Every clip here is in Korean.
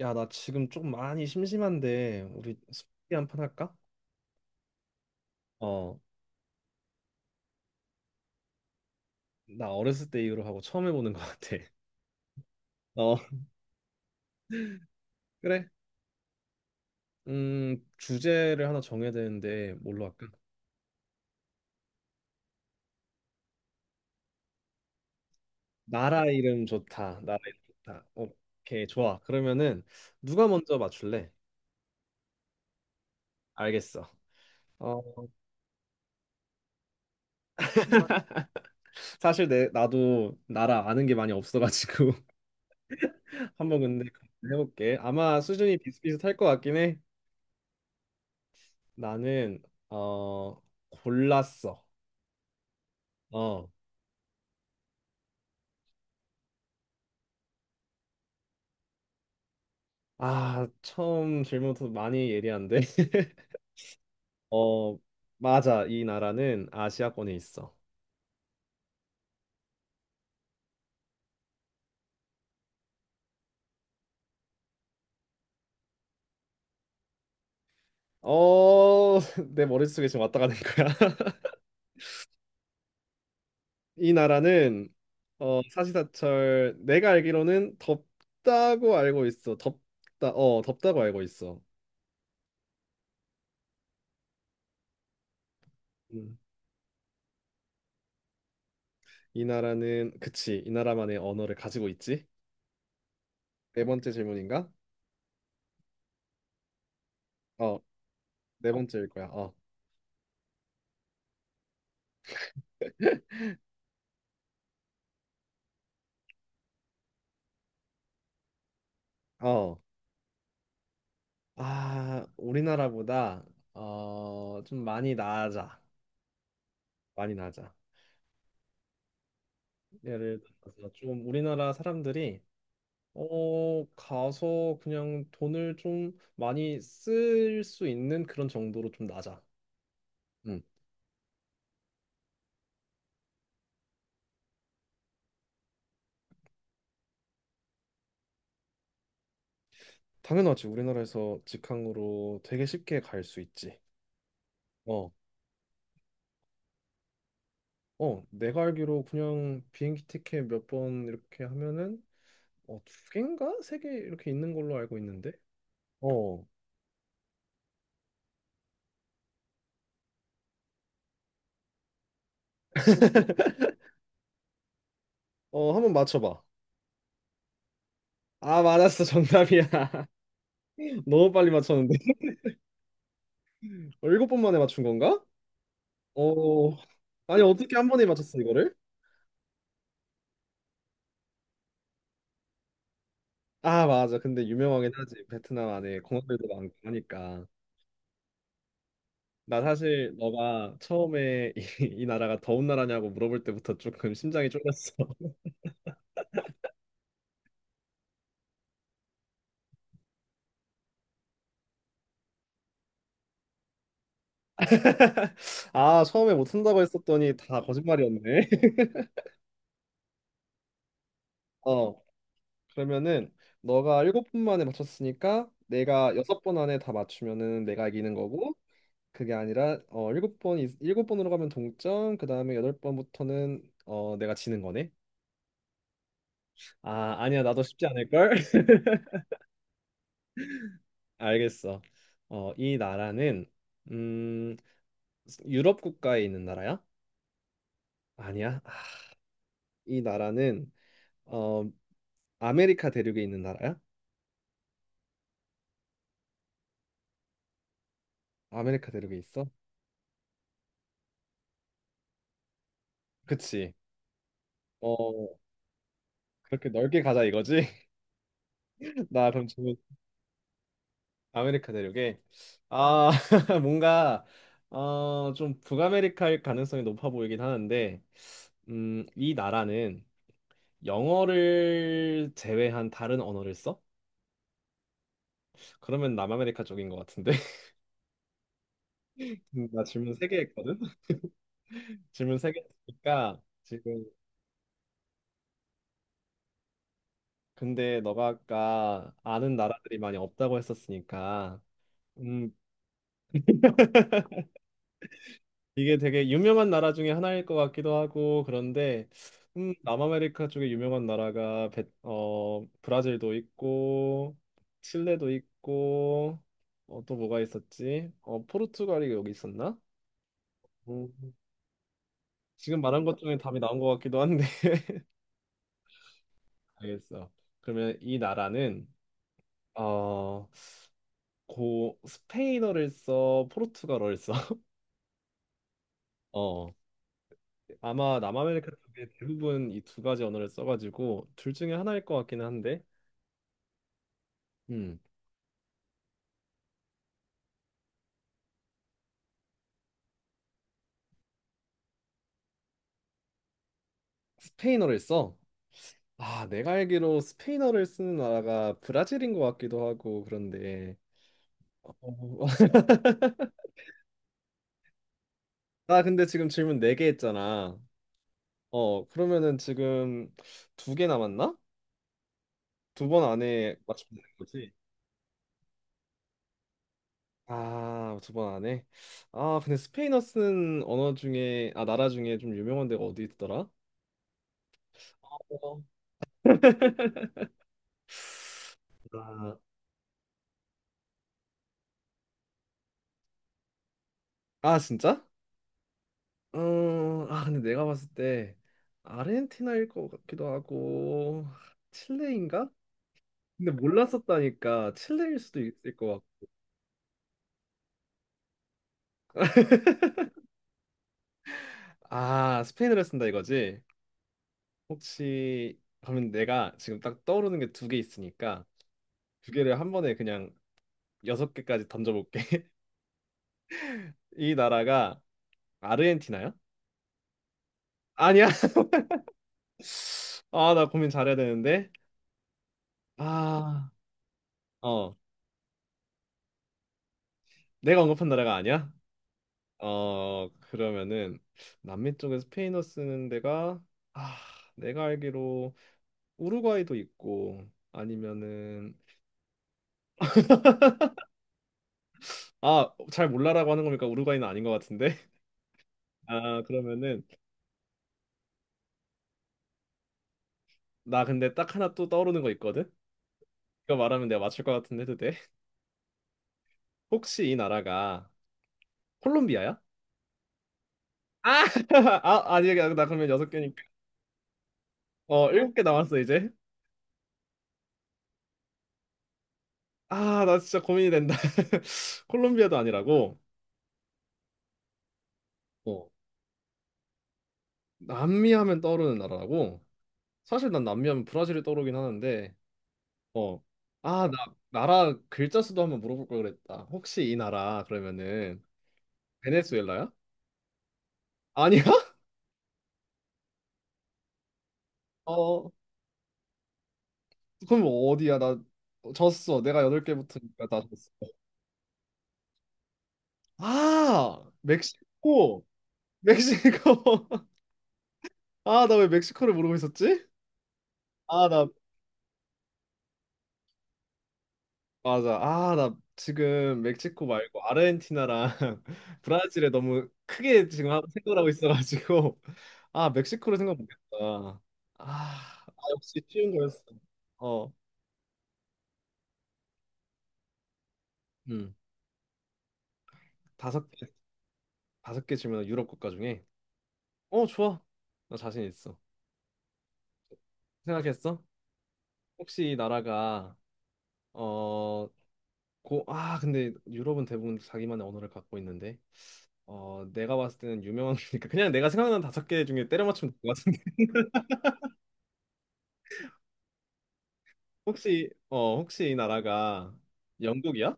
야, 나 지금 좀 많이 심심한데 우리 스무고개 한판 할까? 어, 나 어렸을 때 이후로 하고 처음 해보는 것 같아. 어, 그래. 주제를 하나 정해야 되는데 뭘로 할까? 나라 이름 좋다. 나라 이름 좋다. 오케이, 좋아. 그러면은 누가 먼저 맞출래? 알겠어. 어, 사실 내 나도 나라 아는 게 많이 없어가지고 한번 근데 해볼게. 아마 수준이 비슷비슷할 것 같긴 해. 나는 어 골랐어. 어. 아, 처음 질문부터 많이 예리한데. 어, 맞아. 이 나라는 아시아권에 있어. 어, 내 머릿속에 지금 왔다 가는 거야. 이 나라는 어, 사시사철 내가 알기로는 덥다고 알고 있어. 덥다. 어, 덥다고 알고 있어. 음. 이 나라는 그치. 이 나라만의 언어를 가지고 있지. 네 번째 질문인가? 어, 네 번째일 거야. 어. 어. 아, 우리나라보다 어, 좀 많이 나아져. 많이 낮아. 예를 들어서 좀 우리나라 사람들이 어 가서 그냥 돈을 좀 많이 쓸 수 있는 그런 정도로 좀 낮아. 음. 당연하지. 우리나라에서 직항으로 되게 쉽게 갈 수 있지. 어. 어, 내가 알기로 그냥 비행기 티켓 몇 번 이렇게 하면은 어, 2개인가? 3개 이렇게 있는 걸로 알고 있는데. 어. 어, 한번 맞춰 봐. 아, 맞았어. 정답이야. 너무 빨리 맞췄는데. 어, 7번 만에 맞춘 건가? 오, 아니 어떻게 한 번에 맞췄어 이거를? 아, 맞아. 근데 유명하긴 하지. 베트남 안에 공항들도 많고 하니까 나 사실 너가 처음에 이 나라가 더운 나라냐고 물어볼 때부터 조금 심장이 쫄렸어. 아, 처음에 못한다고 했었더니 다 거짓말이었네. 어, 그러면은 너가 7번 만에 맞췄으니까 내가 6번 안에 다 맞추면은 내가 이기는 거고, 그게 아니라 어 일곱 번 일곱 번으로 가면 동점, 그 다음에 여덟 번부터는 어 내가 지는 거네. 아, 아니야. 나도 쉽지 않을걸? 알겠어. 어, 이 나라는 음, 유럽 국가에 있는 나라야? 아니야. 아, 이 나라는 어, 아메리카 대륙에 있는 나라야? 아메리카 대륙에 있어? 그치. 어, 그렇게 넓게 가자 이거지? 나 그럼 지금 아메리카 대륙에. 아, 뭔가 어, 좀 북아메리카일 가능성이 높아 보이긴 하는데 이 나라는 영어를 제외한 다른 언어를 써? 그러면 남아메리카 쪽인 것 같은데. 나 질문 3개 했거든. 질문 세 개 했으니까 지금, 근데 너가 아까 아는 나라들이 많이 없다고 했었으니까 음 이게 되게 유명한 나라 중에 하나일 것 같기도 하고 그런데 남아메리카 쪽에 유명한 나라가 베, 어 브라질도 있고 칠레도 있고 어, 또 뭐가 있었지? 어 포르투갈이 여기 있었나? 음, 지금 말한 것 중에 답이 나온 것 같기도 한데. 알겠어. 그러면 이 나라는 어, 고 스페인어를 써, 포르투갈어를 써. 어. 아마 남아메리카 쪽에 대부분 이 2가지 언어를 써가지고 둘 중에 하나일 것 같기는 한데. 음. 스페인어를 써. 아, 내가 알기로 스페인어를 쓰는 나라가 브라질인 것 같기도 하고 그런데. 어, 나 근데 지금 질문 4개 했잖아. 어, 그러면은 지금 2개 남았나? 2번 안에 맞추면 되는 거지? 아, 2번 안 해? 아, 근데 스페인어 쓰는 언어 중에, 아, 나라 중에 좀 유명한 데가 어디 있더라? 어. 아, 아, 진짜? 아, 근데 내가 봤을 때 아르헨티나일 것 같기도 하고, 칠레인가? 근데 몰랐었다니까, 칠레일 수도 있을 것 같고. 아, 스페인어를 쓴다 이거지? 혹시, 그러면 내가 지금 딱 떠오르는 게 2개 있으니까, 2개를 한 번에 그냥 여섯 개까지 던져볼게. 이 나라가 아르헨티나요? 아니야. 아, 나 고민 잘해야 되는데. 아, 어, 내가 언급한 나라가 아니야? 어, 그러면은 남미 쪽에 스페인어 쓰는 데가, 아, 내가 알기로 우루과이도 있고 아니면은, 아, 잘 몰라라고 하는 거니까 우루과이는 아닌 것 같은데. 아, 그러면은 나 근데 딱 하나 또 떠오르는 거 있거든. 이거 말하면 내가 맞출 것 같은데 해도 돼? 혹시 이 나라가 콜롬비아야? 아, 아, 아니, 나 그러면 여섯 개니까 어, 7개 남았어 이제. 아, 나 진짜 고민이 된다. 콜롬비아도 아니라고, 어, 남미 하면 떠오르는 나라라고. 사실 난 남미 하면 브라질이 떠오르긴 하는데, 어, 아, 나 나라 글자 수도 한번 물어볼 걸 그랬다. 혹시 이 나라 그러면은 베네수엘라야? 아니야? 어, 그럼 어디야? 나 졌어. 내가 여덟 개부터니까 다 졌어. 아, 멕시코, 멕시코. 아, 나 왜 멕시코를 모르고 있었지? 아, 나 맞아. 아, 나 지금 멕시코 말고 아르헨티나랑 브라질에 너무 크게 지금 생각을 하고 있어가지고 아, 멕시코를 생각 못했다. 아, 아, 역시 쉬운 거였어. 어, 음, 다섯 개, 5개 질문 유럽 국가 중에. 어, 좋아. 나 자신 있어. 생각했어? 혹시 이 나라가 어, 고, 아, 근데 유럽은 대부분 자기만의 언어를 갖고 있는데 어, 내가 봤을 때는 유명한 거니까 그냥 내가 생각나는 5개 중에 때려 맞추면 될것. 혹시 어 혹시 이 나라가 영국이야?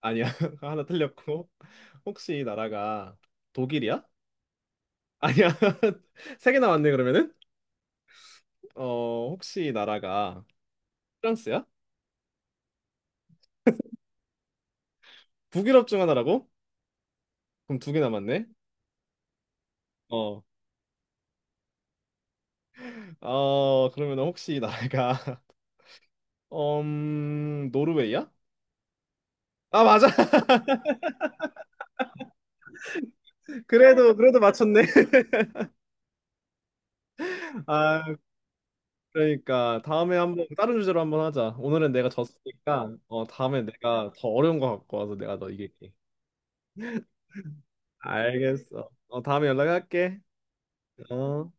아니야. 하나 틀렸고. 혹시 이 나라가 독일이야? 아니야. 3개 남았네 그러면은 어 혹시 이 나라가 프랑스야? 북유럽 중 하나라고? 그럼 2개 남았네. 어어, 그러면 혹시 이 나라가 노르웨이야? 아, 맞아. 그래도 그래도 맞췄네. 아, 그러니까 다음에 한번 다른 주제로 한번 하자. 오늘은 내가 졌으니까 어 다음에 내가 더 어려운 거 갖고 와서 내가 너 이길게. 알겠어. 어 다음에 연락할게. 어.